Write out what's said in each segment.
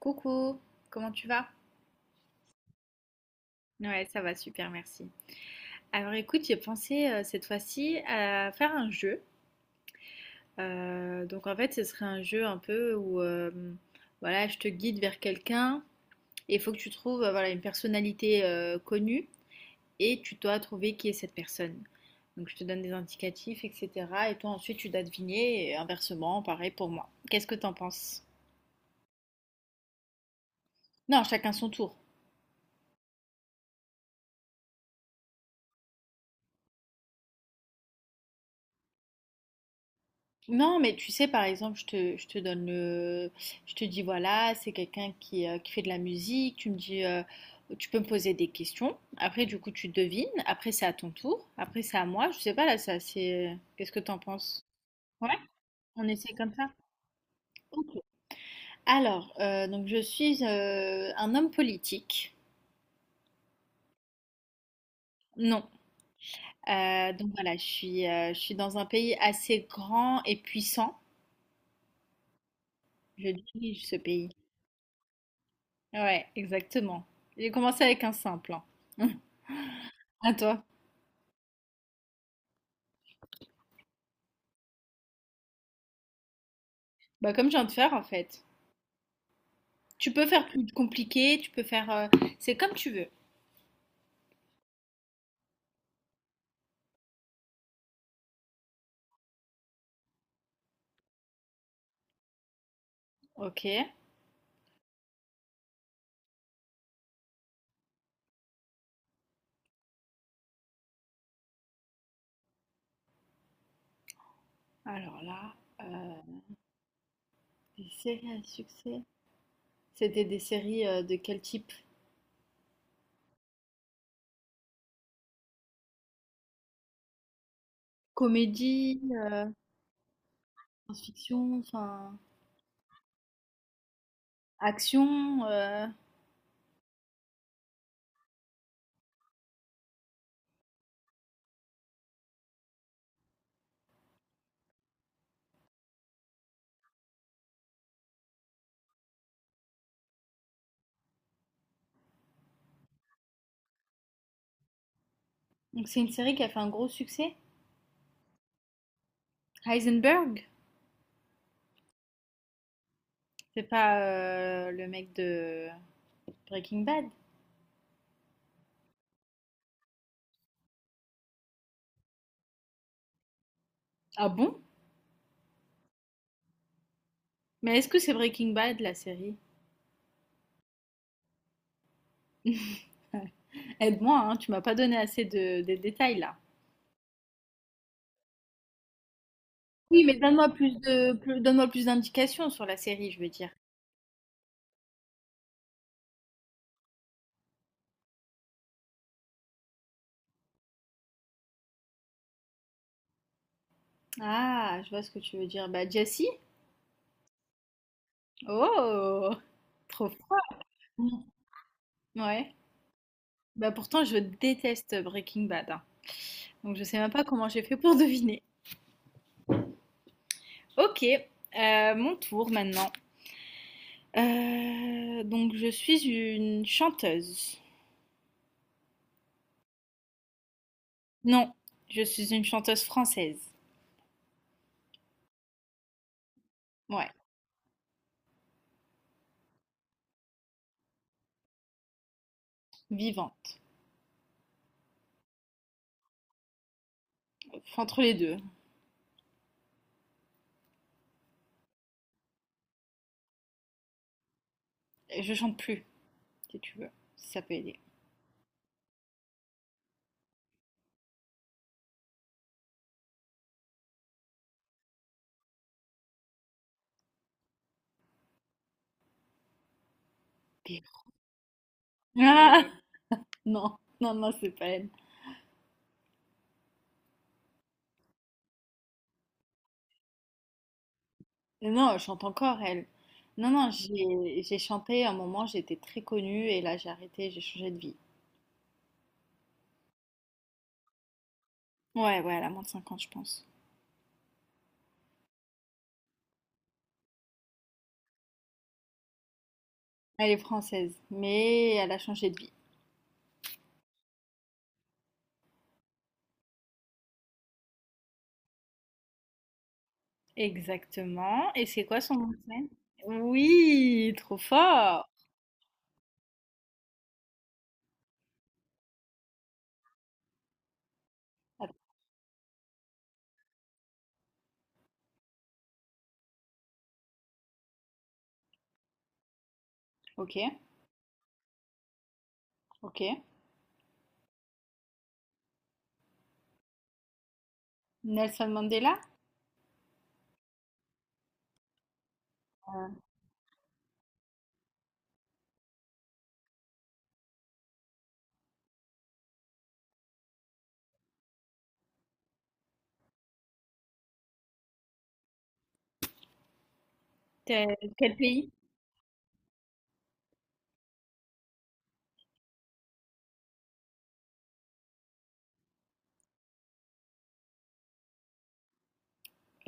Coucou, comment tu vas? Ouais, ça va super, merci. Alors écoute, j'ai pensé cette fois-ci à faire un jeu. Donc en fait, ce serait un jeu un peu où voilà, je te guide vers quelqu'un et il faut que tu trouves voilà, une personnalité connue et tu dois trouver qui est cette personne. Donc je te donne des indicatifs, etc. Et toi ensuite tu dois deviner et inversement, pareil pour moi. Qu'est-ce que t'en penses? Non, chacun son tour. Non, mais tu sais, par exemple, je te donne le... Je te dis, voilà, c'est quelqu'un qui fait de la musique. Tu me dis, tu peux me poser des questions. Après, du coup, tu devines. Après, c'est à ton tour. Après, c'est à moi. Je sais pas, là, ça, c'est... Qu'est-ce que t'en penses? Ouais, on essaie comme ça? Ok. Alors, donc, je suis un homme politique. Non. Donc, voilà, je suis dans un pays assez grand et puissant. Je dirige ce pays. Ouais, exactement. J'ai commencé avec un simple, hein. À toi. Bah, comme je viens de faire, en fait. Tu peux faire plus compliqué, tu peux faire, c'est comme tu veux. Ok. Alors là, euh, des séries à succès. C'était des séries de quel type? Comédie, science-fiction, enfin, action, Donc, c'est une série qui a fait un gros succès. Heisenberg. C'est pas le mec de Breaking Bad. Ah bon? Mais est-ce que c'est Breaking Bad, la série? Aide-moi, hein, tu m'as pas donné assez de, des détails là. Oui, mais donne-moi plus de, donne-moi plus d'indications sur la série, je veux dire. Ah, je vois ce que tu veux dire. Bah, Jessie? Oh, trop froid. Mm. Ouais. Bah, pourtant, je déteste Breaking Bad, hein. Donc, je sais même pas comment j'ai fait pour deviner. Ok, mon tour maintenant. Donc, je suis une chanteuse. Non, je suis une chanteuse française. Ouais, vivante. Enfin, entre les deux. Je chante plus, si tu veux, si ça peut aider. Ah, non, non, non, c'est pas elle. Non, elle chante encore, elle. Non, non, j'ai chanté à un moment, j'étais très connue et là j'ai arrêté, j'ai changé de vie. Ouais, ouais, elle a moins de 50, je pense. Elle est française, mais elle a changé de vie. Exactement. Et c'est quoi son nom de scène? Oui, trop fort. Attends. Ok, ok. Nelson Mandela? Euh, Quel, quel pays?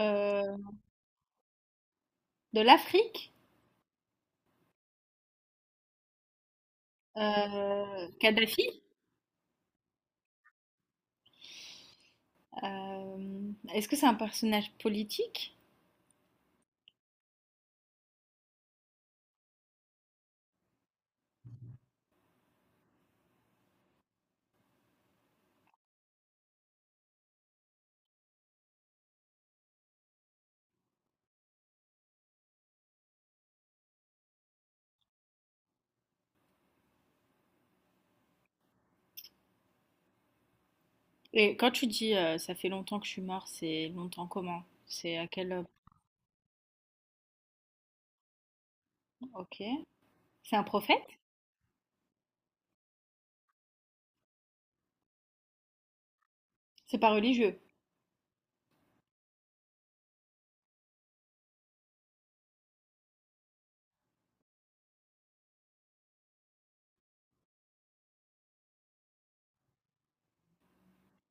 euh, de l'Afrique? Kadhafi? Est-ce que c'est un personnage politique? Et quand tu dis ça fait longtemps que je suis mort, c'est longtemps comment? C'est à quel... Ok. C'est un prophète? C'est pas religieux.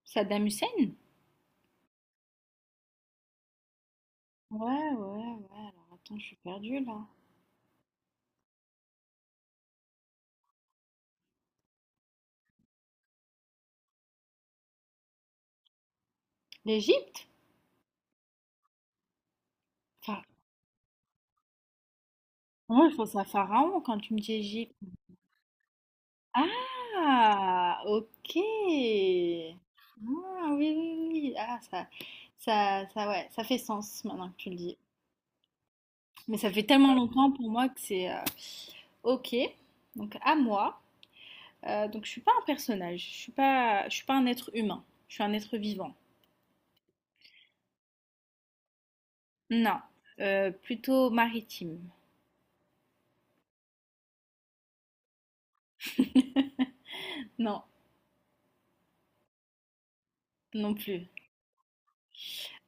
Saddam Hussein? Ouais, ouais, ouais. Alors attends, je suis perdue là. L'Égypte? Enfin, moi je pense à Pharaon quand tu me dis Égypte. Ah, ok. Ah, oui, oui, oui. Ah, ça, ouais, ça fait sens maintenant que tu le dis. Mais ça fait tellement longtemps pour moi que c'est... Ok. Donc à moi. Donc je suis pas un personnage, je suis pas un être humain, je suis un être vivant. Non. Plutôt maritime. Non, non plus.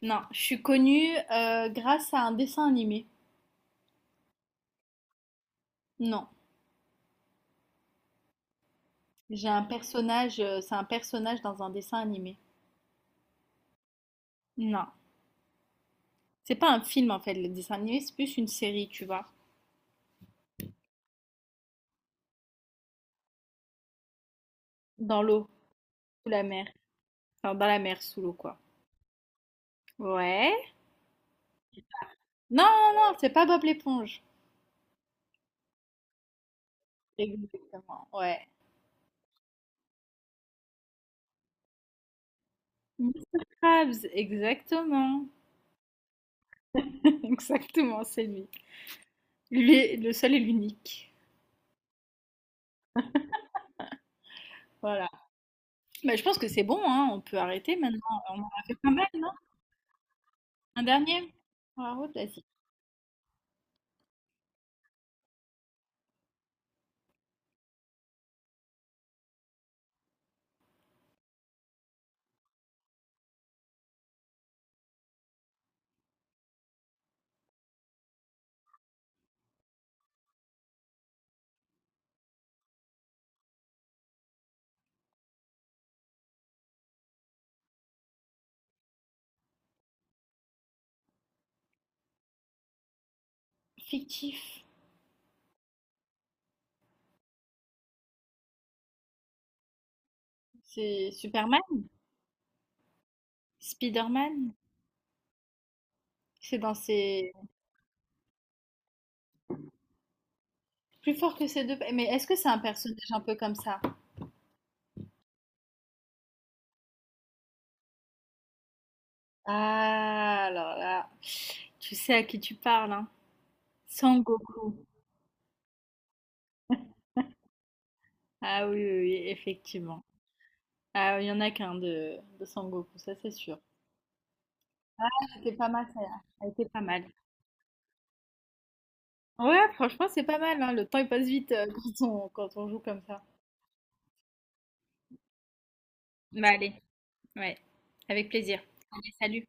Non, je suis connue grâce à un dessin animé. Non, j'ai un personnage, c'est un personnage dans un dessin animé. Non, c'est pas un film en fait, le dessin animé, c'est plus une série, tu vois, dans l'eau, sous la mer, enfin dans la mer, sous l'eau quoi. Ouais. Non, non, non, c'est pas Bob l'éponge. Exactement. Ouais. Mister Krabs, exactement. Exactement, c'est lui. Lui est le seul et l'unique. Voilà. Bah, je pense que c'est bon, hein, on peut arrêter maintenant. On en a fait pas mal, non? Un dernier? Poirot, vas-y. Fictif. C'est Superman? Spider-Man? C'est dans ses... Plus fort que ces deux... Mais est-ce que c'est un personnage un peu comme ça? Ah, alors là... Tu sais à qui tu parles, hein? Sangoku. Ah oui, oui, oui, effectivement. Ah, il y en a qu'un de Sangoku, ça c'est sûr. C'était pas mal, ça a été pas mal. Ouais, franchement, c'est pas mal, hein. Le temps il passe vite quand on, quand on joue comme ça. Bah allez, ouais, avec plaisir. Allez, salut.